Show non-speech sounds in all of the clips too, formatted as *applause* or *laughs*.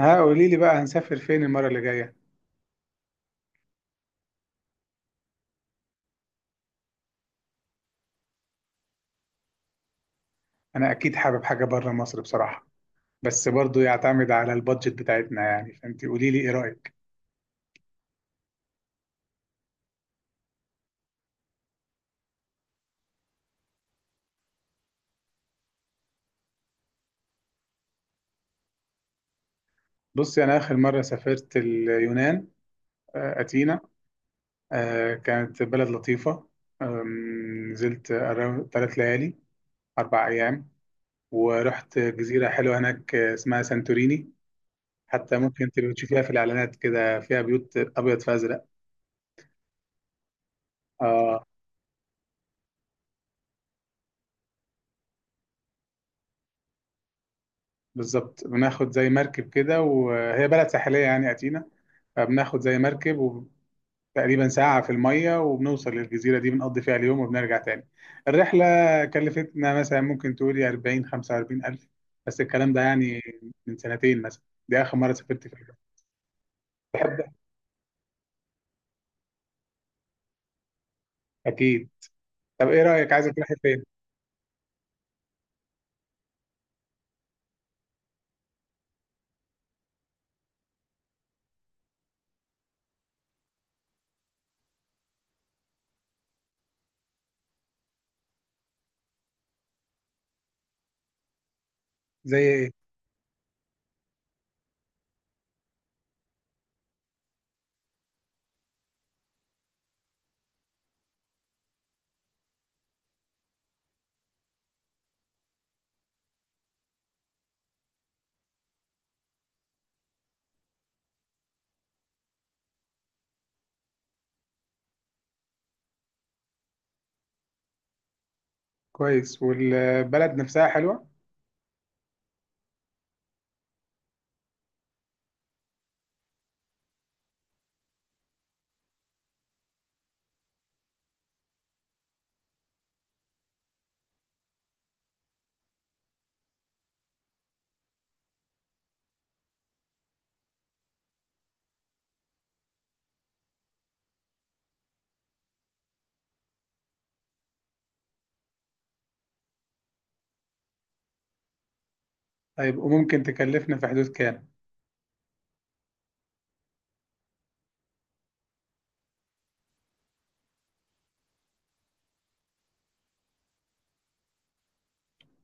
ها قولي لي بقى، هنسافر فين المرة اللي جاية؟ انا اكيد حابب حاجة بره مصر بصراحة. بس برضو يعتمد على البادجت بتاعتنا يعني، فانت قولي لي ايه رأيك. بصي، انا اخر مرة سافرت اليونان. اثينا. كانت بلد لطيفة. نزلت 3 ليالي، 4 ايام. ورحت جزيرة حلوة هناك، اسمها سانتوريني. حتى ممكن تبقى تشوفيها في الاعلانات كده، فيها بيوت ابيض في ازرق. اه، بالظبط، بناخد زي مركب كده، وهي بلد ساحلية يعني اثينا. فبناخد زي مركب، وتقريبا ساعة في المية وبنوصل للجزيرة دي، بنقضي فيها اليوم وبنرجع تاني. الرحلة كلفتنا مثلا ممكن تقولي 40 45 ألف، بس الكلام ده يعني من سنتين مثلا، دي آخر مرة سافرت فيها. أكيد. طب إيه رأيك، عايزة تروحي فين؟ زي إيه؟ كويس، والبلد نفسها حلوة. طيب وممكن تكلفنا في حدود كام؟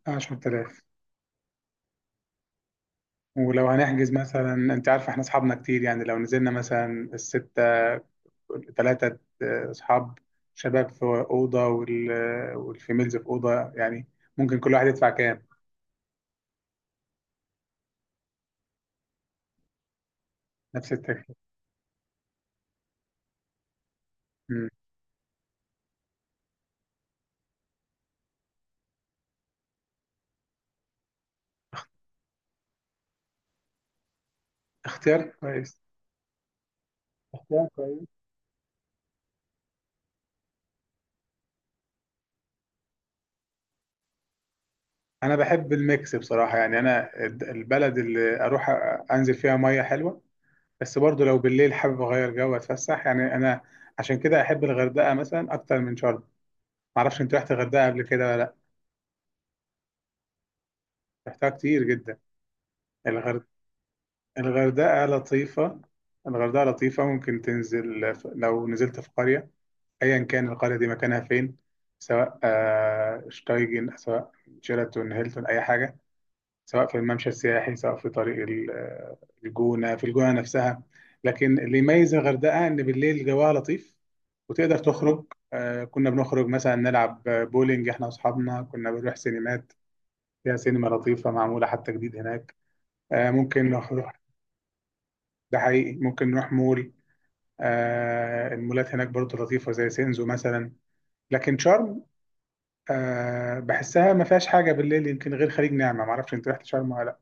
10000. ولو هنحجز مثلا، أنت عارفة إحنا أصحابنا كتير، يعني لو نزلنا مثلا الستة، ثلاثة أصحاب شباب في أوضة، والفيميلز في أوضة يعني، ممكن كل واحد يدفع كام. نفس التكلفة. مم. اختيار كويس، اختيار كويس. أنا بحب الميكس بصراحة، يعني أنا البلد اللي أروح، أنزل فيها مية حلوة. بس برضو لو بالليل حابب أغير جو أتفسح يعني أنا. عشان كده أحب الغردقة مثلا أكتر من شرم. معرفش، أنت رحت الغردقة قبل كده ولا لأ؟ رحتها كتير جدا. الغرد... الغردقة لطيفة. الغردقة لطيفة، ممكن تنزل لو نزلت في قرية، أيا كان القرية دي مكانها فين، سواء شتايجن، سواء شيراتون هيلتون، أي حاجة، سواء في الممشى السياحي، سواء في طريق الجونة، في الجونة نفسها. لكن اللي يميز الغردقة إن بالليل جواها لطيف، وتقدر تخرج. كنا بنخرج مثلا نلعب بولينج إحنا وأصحابنا، كنا بنروح سينمات، فيها سينما لطيفة معمولة حتى جديد هناك. ممكن نروح، ده حقيقي ممكن نروح مول. المولات هناك برضه لطيفة زي سينزو مثلا. لكن شرم، أه بحسها ما فيهاش حاجه بالليل، يمكن غير خليج نعمه. ما اعرفش، انت رحت شرم ولا لا؟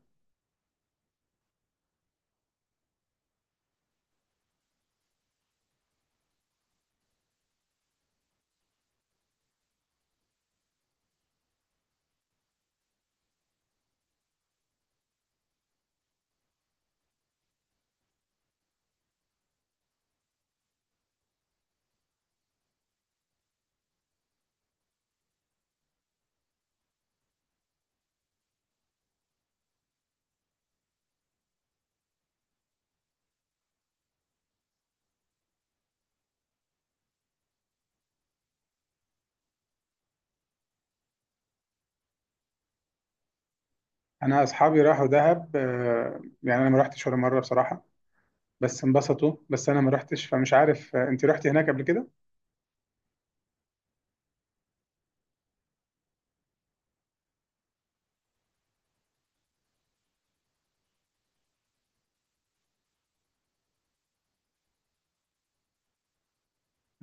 انا اصحابي راحوا دهب، أه يعني انا ما رحتش ولا مره بصراحه، بس انبسطوا، بس انا ما رحتش فمش عارف. انت رحتي هناك قبل كده؟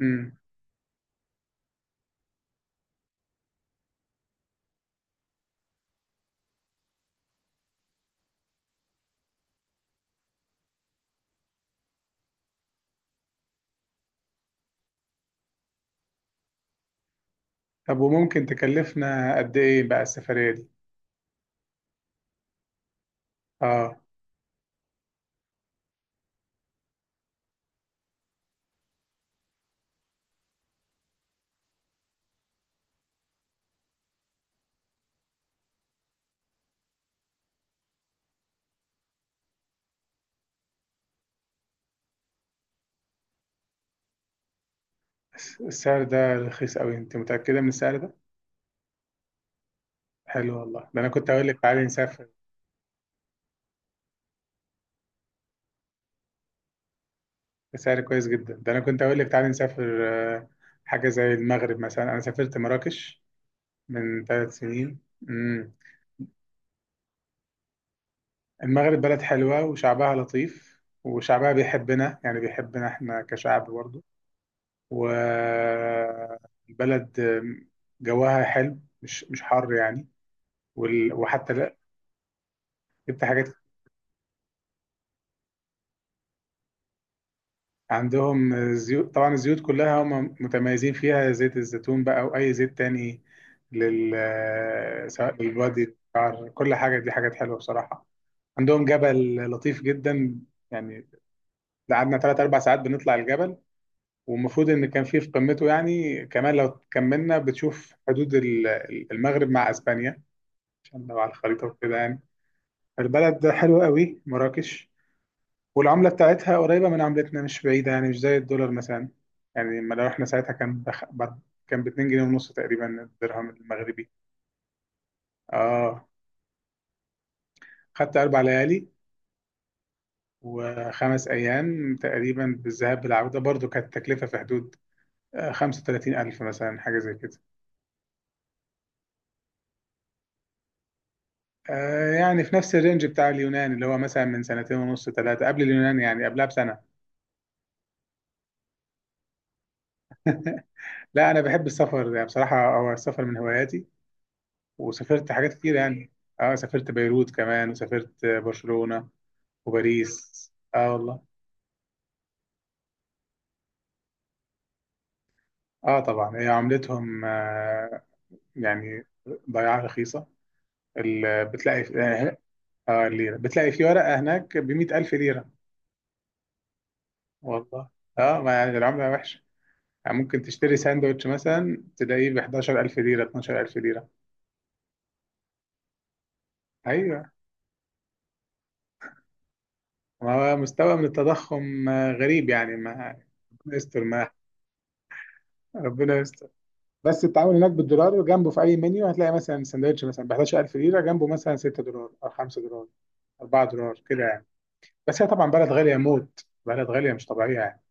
امم. طب وممكن تكلفنا قد ايه بقى السفريه دي؟ اه. السعر ده رخيص قوي، انت متاكده من السعر ده؟ حلو والله، ده انا كنت اقول لك تعالي نسافر بسعر كويس جدا. ده انا كنت اقول لك تعالي نسافر. آه، حاجه زي المغرب مثلا، انا سافرت مراكش من 3 سنين. مم. المغرب بلد حلوة، وشعبها لطيف، وشعبها بيحبنا يعني، بيحبنا احنا كشعب برضه. والبلد جواها حلو، مش حر يعني. وحتى لا. جبت حاجات. عندهم زيوت طبعا، الزيوت كلها هم متميزين فيها، زيت الزيتون بقى او اي زيت تاني لل سواء للبادي، للشعر، كل حاجة دي حاجات حلوة بصراحة. عندهم جبل لطيف جدا يعني، قعدنا ثلاث اربع ساعات بنطلع الجبل، والمفروض ان كان في قمته يعني، كمان لو كملنا بتشوف حدود المغرب مع اسبانيا، عشان لو على الخريطه وكده يعني. البلد ده حلوه قوي، مراكش. والعمله بتاعتها قريبه من عملتنا، مش بعيده يعني، مش زي الدولار مثلا. يعني لما لو احنا ساعتها كان كان ب 2 جنيه ونص تقريبا الدرهم المغربي. اه، خدت 4 ليالي وخمس ايام تقريبا، بالذهاب بالعوده، برضو كانت التكلفه في حدود 35000 مثلا، حاجه زي كده. يعني في نفس الرينج بتاع اليونان، اللي هو مثلا من سنتين ونص ثلاثة قبل اليونان، يعني قبلها بسنة. لا، أنا بحب السفر يعني بصراحة، هو السفر من هواياتي، وسافرت حاجات كتير يعني. اه، سافرت بيروت كمان، وسافرت برشلونة وباريس. اه والله. اه طبعا هي عملتهم يعني ضياعة رخيصة. ال- بتلاقي في- اه الليرة بتلاقي في ورقة هناك بمئة ألف ليرة. والله. اه، ما يعني العملة وحشة، يعني ممكن تشتري ساندوتش مثلا تلاقيه ب 11000 ليرة 12000 ليرة. ايوه، ما هو مستوى من التضخم غريب يعني ما. ربنا يستر ما. ربنا يستر. بس التعامل هناك بالدولار جنبه، في اي منيو هتلاقي مثلا سندوتش مثلا ب 11000 ليره، جنبه مثلا 6 دولار او 5 دولار، 4 دولار كده يعني. بس هي طبعا بلد غاليه موت، بلد غاليه مش طبيعيه يعني.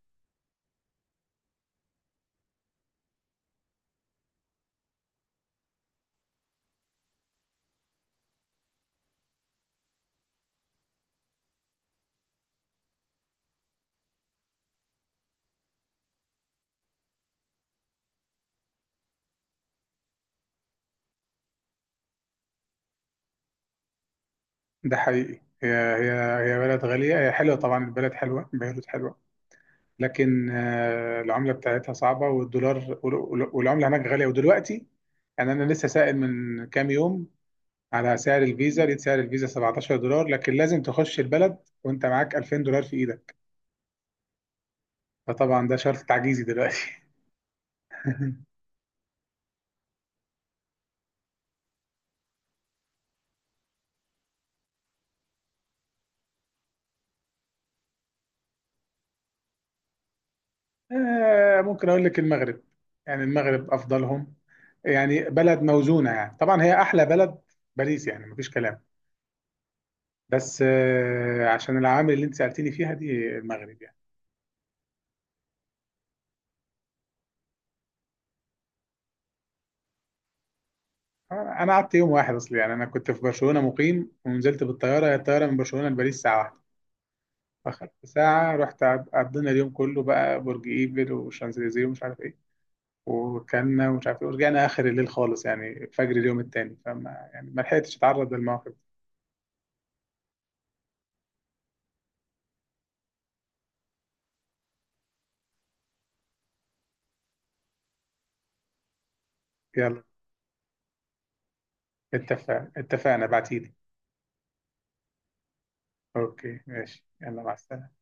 ده حقيقي، هي هي. هي بلد غاليه، هي حلوه طبعا، البلد حلوه، بيروت حلوه، لكن العمله بتاعتها صعبه، والدولار والعمله هناك غاليه ودلوقتي. يعني انا لسه سائل من كام يوم على سعر الفيزا، لقيت سعر الفيزا 17 دولار، لكن لازم تخش البلد وانت معاك 2000 دولار في ايدك، فطبعا ده شرط تعجيزي دلوقتي. *laughs* ممكن اقول لك المغرب، يعني المغرب افضلهم، يعني بلد موزونه يعني، طبعا هي احلى بلد، باريس يعني مفيش كلام، بس عشان العوامل اللي انت سالتني فيها دي، المغرب يعني. انا قعدت يوم واحد اصلي، يعني انا كنت في برشلونه مقيم ونزلت بالطياره، هي الطياره من برشلونه لباريس ساعه واحدة. أخدت ساعة، رحت عدينا اليوم كله بقى، برج إيفل وشانزليزيه ومش عارف إيه، وكنا ومش عارف إيه، ورجعنا آخر الليل خالص يعني فجر اليوم التاني، فما يعني ما لحقتش أتعرض للمواقف. يلا، اتفقنا، بعتيلي. أوكي ماشي، يلا، مع السلامة.